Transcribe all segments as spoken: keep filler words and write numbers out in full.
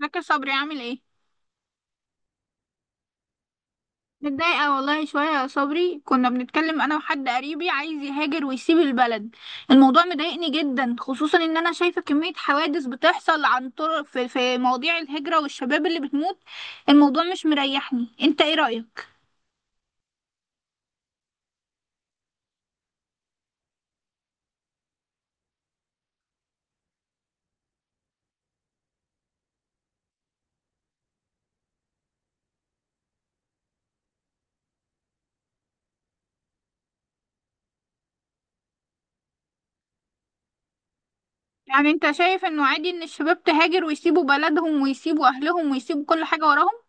فاكر صبري عامل ايه؟ متضايقة والله شوية يا صبري، كنا بنتكلم انا وحد قريبي عايز يهاجر ويسيب البلد. الموضوع مضايقني جدا، خصوصا ان انا شايفة كمية حوادث بتحصل عن طرق في, في مواضيع الهجرة والشباب اللي بتموت. الموضوع مش مريحني، انت ايه رأيك؟ يعني انت شايف انه عادي ان الشباب تهاجر ويسيبوا بلدهم ويسيبوا اهلهم ويسيبوا كل حاجة وراهم؟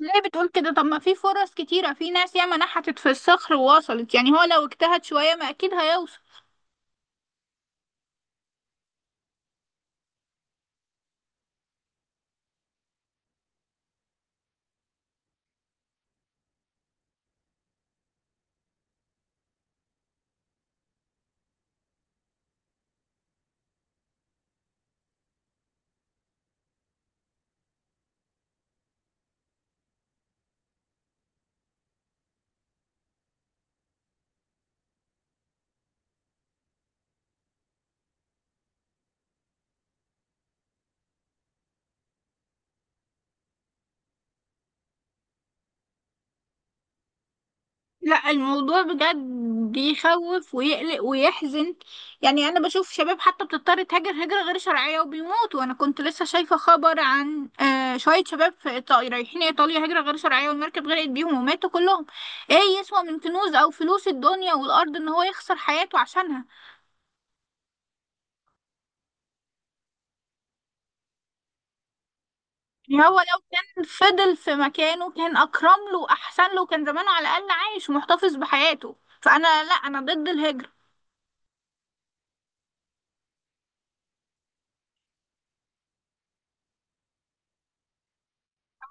ليه بتقول كده؟ طب ما في فرص كتيرة، في ناس ياما نحتت في الصخر ووصلت، يعني هو لو اجتهد شوية ما اكيد هيوصل. لا، الموضوع بجد يخوف ويقلق ويحزن. يعني انا بشوف شباب حتى بتضطر تهاجر هجرة غير شرعية وبيموتوا. انا كنت لسه شايفة خبر عن آه شوية شباب في إيطاليا رايحين ايطاليا هجرة غير شرعية، والمركب غرقت بيهم وماتوا كلهم. ايه يسوى من كنوز او فلوس الدنيا والارض ان هو يخسر حياته عشانها؟ يعني هو لو كان فضل في مكانه كان اكرم له واحسن له، كان زمانه على الاقل عايش ومحتفظ بحياته. فانا لا، انا ضد الهجرة.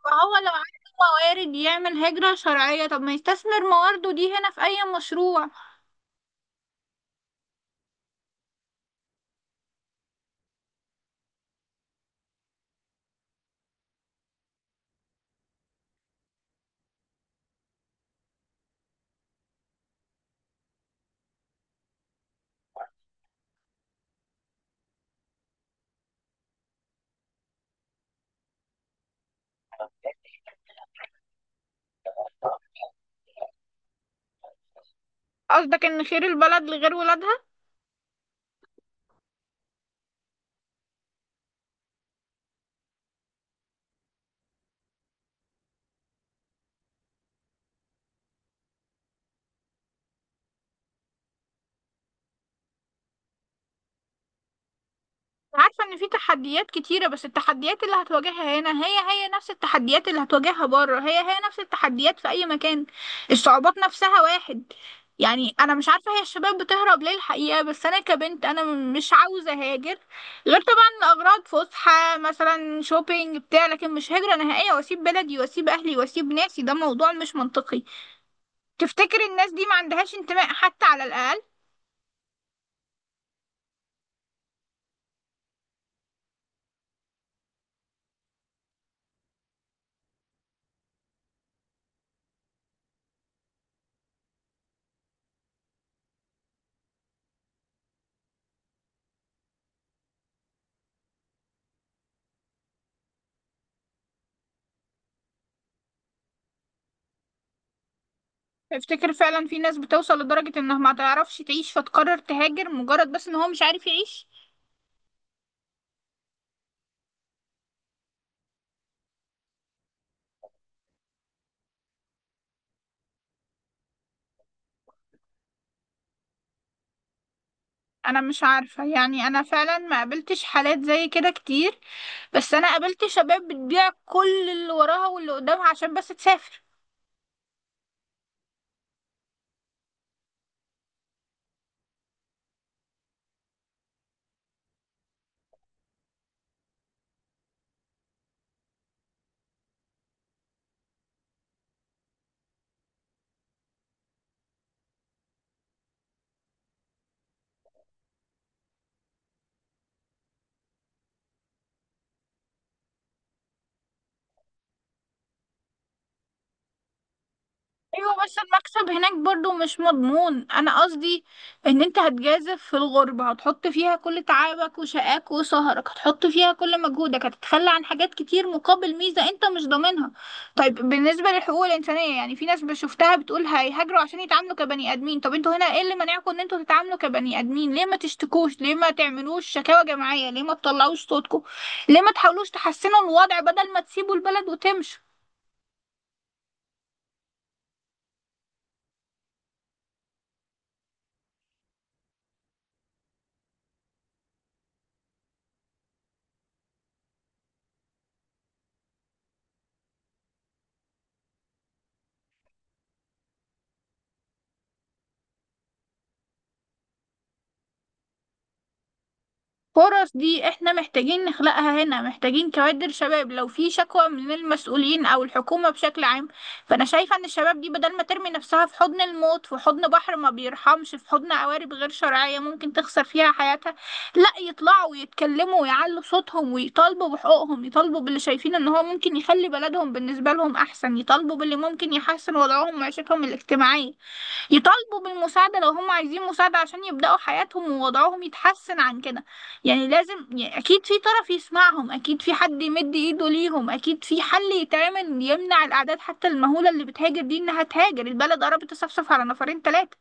فهو لو عنده موارد يعمل هجرة شرعية، طب ما يستثمر موارده دي هنا في أي مشروع. قصدك إن خير البلد لغير ولادها؟ عارفة ان في تحديات كتيرة، بس التحديات اللي هتواجهها هنا هي هي نفس التحديات اللي هتواجهها بره، هي هي نفس التحديات في اي مكان. الصعوبات نفسها واحد. يعني انا مش عارفة هي الشباب بتهرب ليه الحقيقة، بس انا كبنت انا م- مش عاوزة هاجر، غير طبعا اغراض فسحة مثلا شوبينج بتاع، لكن مش هجرة نهائية واسيب بلدي واسيب اهلي واسيب ناسي، ده موضوع مش منطقي. تفتكر الناس دي ما عندهاش انتماء حتى على الاقل؟ افتكر فعلا في ناس بتوصل لدرجة انها ما تعرفش تعيش فتقرر تهاجر مجرد بس ان هو مش عارف يعيش. انا مش عارفة، يعني انا فعلا ما قابلتش حالات زي كده كتير، بس انا قابلت شباب بتبيع كل اللي وراها واللي قدامها عشان بس تسافر. ايوه بس المكسب هناك برضو مش مضمون. انا قصدي ان انت هتجازف في الغربة، هتحط فيها كل تعبك وشقاك وسهرك، هتحط فيها كل مجهودك، هتتخلى عن حاجات كتير مقابل ميزة انت مش ضامنها. طيب بالنسبة للحقوق الانسانية، يعني في ناس بشوفتها بتقول هيهاجروا عشان يتعاملوا كبني ادمين. طب انتوا هنا ايه اللي منعكم ان انتوا تتعاملوا كبني ادمين؟ ليه ما تشتكوش؟ ليه ما تعملوش شكاوى جماعية؟ ليه ما تطلعوش صوتكم؟ ليه ما تحاولوش تحسنوا الوضع بدل ما تسيبوا البلد وتمشوا؟ فرص دي احنا محتاجين نخلقها هنا، محتاجين كوادر شباب لو في شكوى من المسؤولين او الحكومة بشكل عام. فانا شايفة ان الشباب دي بدل ما ترمي نفسها في حضن الموت، في حضن بحر ما بيرحمش، في حضن قوارب غير شرعية ممكن تخسر فيها حياتها، لا يطلعوا ويتكلموا ويعلوا صوتهم ويطالبوا بحقوقهم، يطالبوا باللي شايفين ان هو ممكن يخلي بلدهم بالنسبة لهم احسن، يطالبوا باللي ممكن يحسن وضعهم وعيشتهم الاجتماعية، يطالبوا بالمساعدة لو هم عايزين مساعدة عشان يبدأوا حياتهم ووضعهم يتحسن عن كده. يعني لازم، يعني أكيد في طرف يسمعهم، أكيد في حد يمد إيده ليهم، أكيد في حل يتعمل يمنع الأعداد حتى المهولة اللي بتهاجر دي إنها تهاجر، البلد قربت تصفصف على نفرين تلاتة.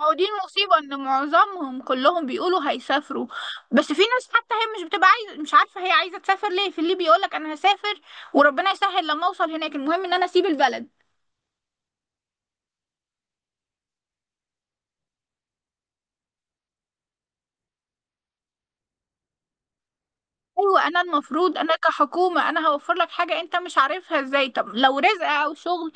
هو دي المصيبة، إن معظمهم كلهم بيقولوا هيسافروا. بس في ناس حتى هي مش بتبقى عايزة، مش عارفة هي عايزة تسافر ليه، في اللي بيقولك أنا هسافر وربنا يسهل لما أوصل هناك، المهم إن أنا أسيب البلد. ايوه، انا المفروض انا كحكومه انا هوفر لك حاجه انت مش عارفها ازاي. طب لو رزق او شغل،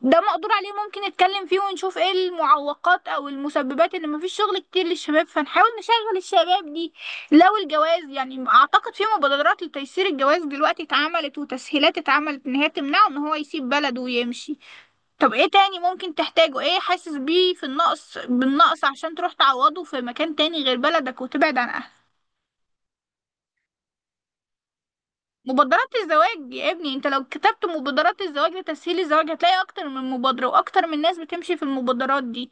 ده مقدور عليه، ممكن نتكلم فيه ونشوف ايه المعوقات او المسببات ان مفيش شغل كتير للشباب، فنحاول نشغل الشباب دي. لو الجواز، يعني اعتقد في مبادرات لتيسير الجواز دلوقتي اتعملت، وتسهيلات اتعملت ان هي تمنعه ان هو يسيب بلده ويمشي. طب ايه تاني ممكن تحتاجه؟ ايه حاسس بيه في النقص، بالنقص، عشان تروح تعوضه في مكان تاني غير بلدك وتبعد عن… مبادرات الزواج يا ابني، انت لو كتبت مبادرات الزواج لتسهيل الزواج هتلاقي اكتر من مبادرة واكتر من ناس بتمشي في المبادرات دي.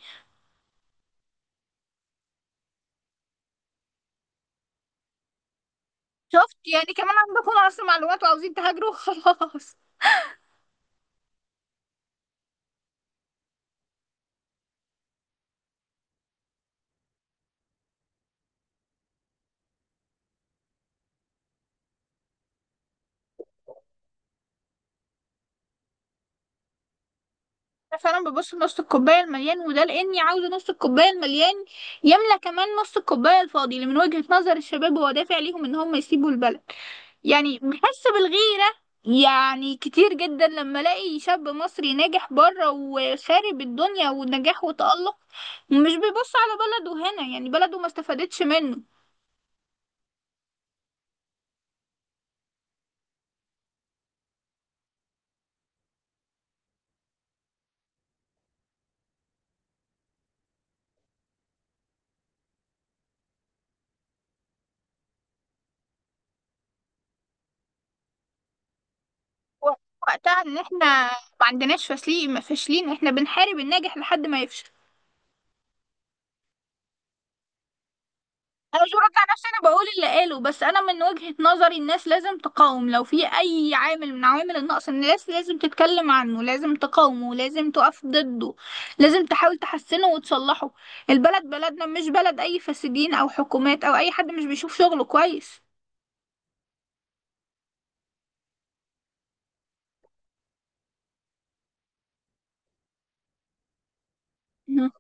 شفت؟ يعني كمان عندكم عصر معلومات وعاوزين تهاجروا خلاص. انا فعلا ببص نص الكوباية المليان، وده لاني عاوزة نص الكوباية المليان يملى كمان، نص الكوباية الفاضي اللي من وجهة نظر الشباب هو دافع ليهم ان هم يسيبوا البلد. يعني بحس بالغيرة، يعني كتير جدا لما الاقي شاب مصري ناجح بره وخارب الدنيا ونجاح وتألق مش بيبص على بلده هنا، يعني بلده ما استفادتش منه. و- وقتها ان احنا ما عندناش فاشلين، فاشلين احنا بنحارب الناجح لحد ما يفشل. انا مش برد على نفسي، انا بقول اللي قاله، بس انا من وجهة نظري الناس لازم تقاوم، لو في اي عامل من عوامل النقص الناس لازم تتكلم عنه، لازم تقاومه، لازم تقف ضده، لازم تحاول تحسنه وتصلحه. البلد بلدنا، مش بلد اي فاسدين او حكومات او اي حد مش بيشوف شغله كويس. مهم.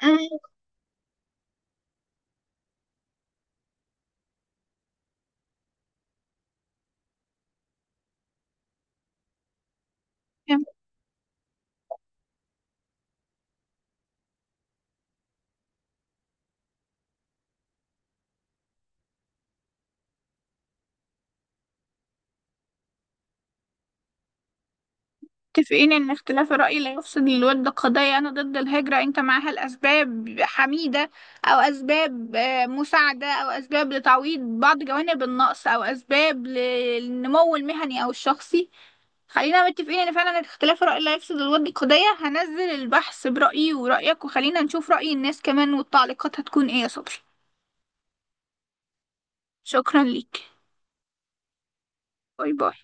فهم. متفقين إن اختلاف الرأي لا يفسد للود قضية. أنا ضد الهجرة إن كان معاها الأسباب حميدة، أو أسباب آه، مساعدة، أو أسباب لتعويض بعض جوانب النقص، أو أسباب للنمو المهني أو الشخصي. خلينا متفقين إن فعلا اختلاف الرأي لا يفسد للود قضية. هنزل البحث برأيي ورأيك، وخلينا نشوف رأي الناس كمان والتعليقات هتكون إيه يا صبري. شكرا ليك. باي باي.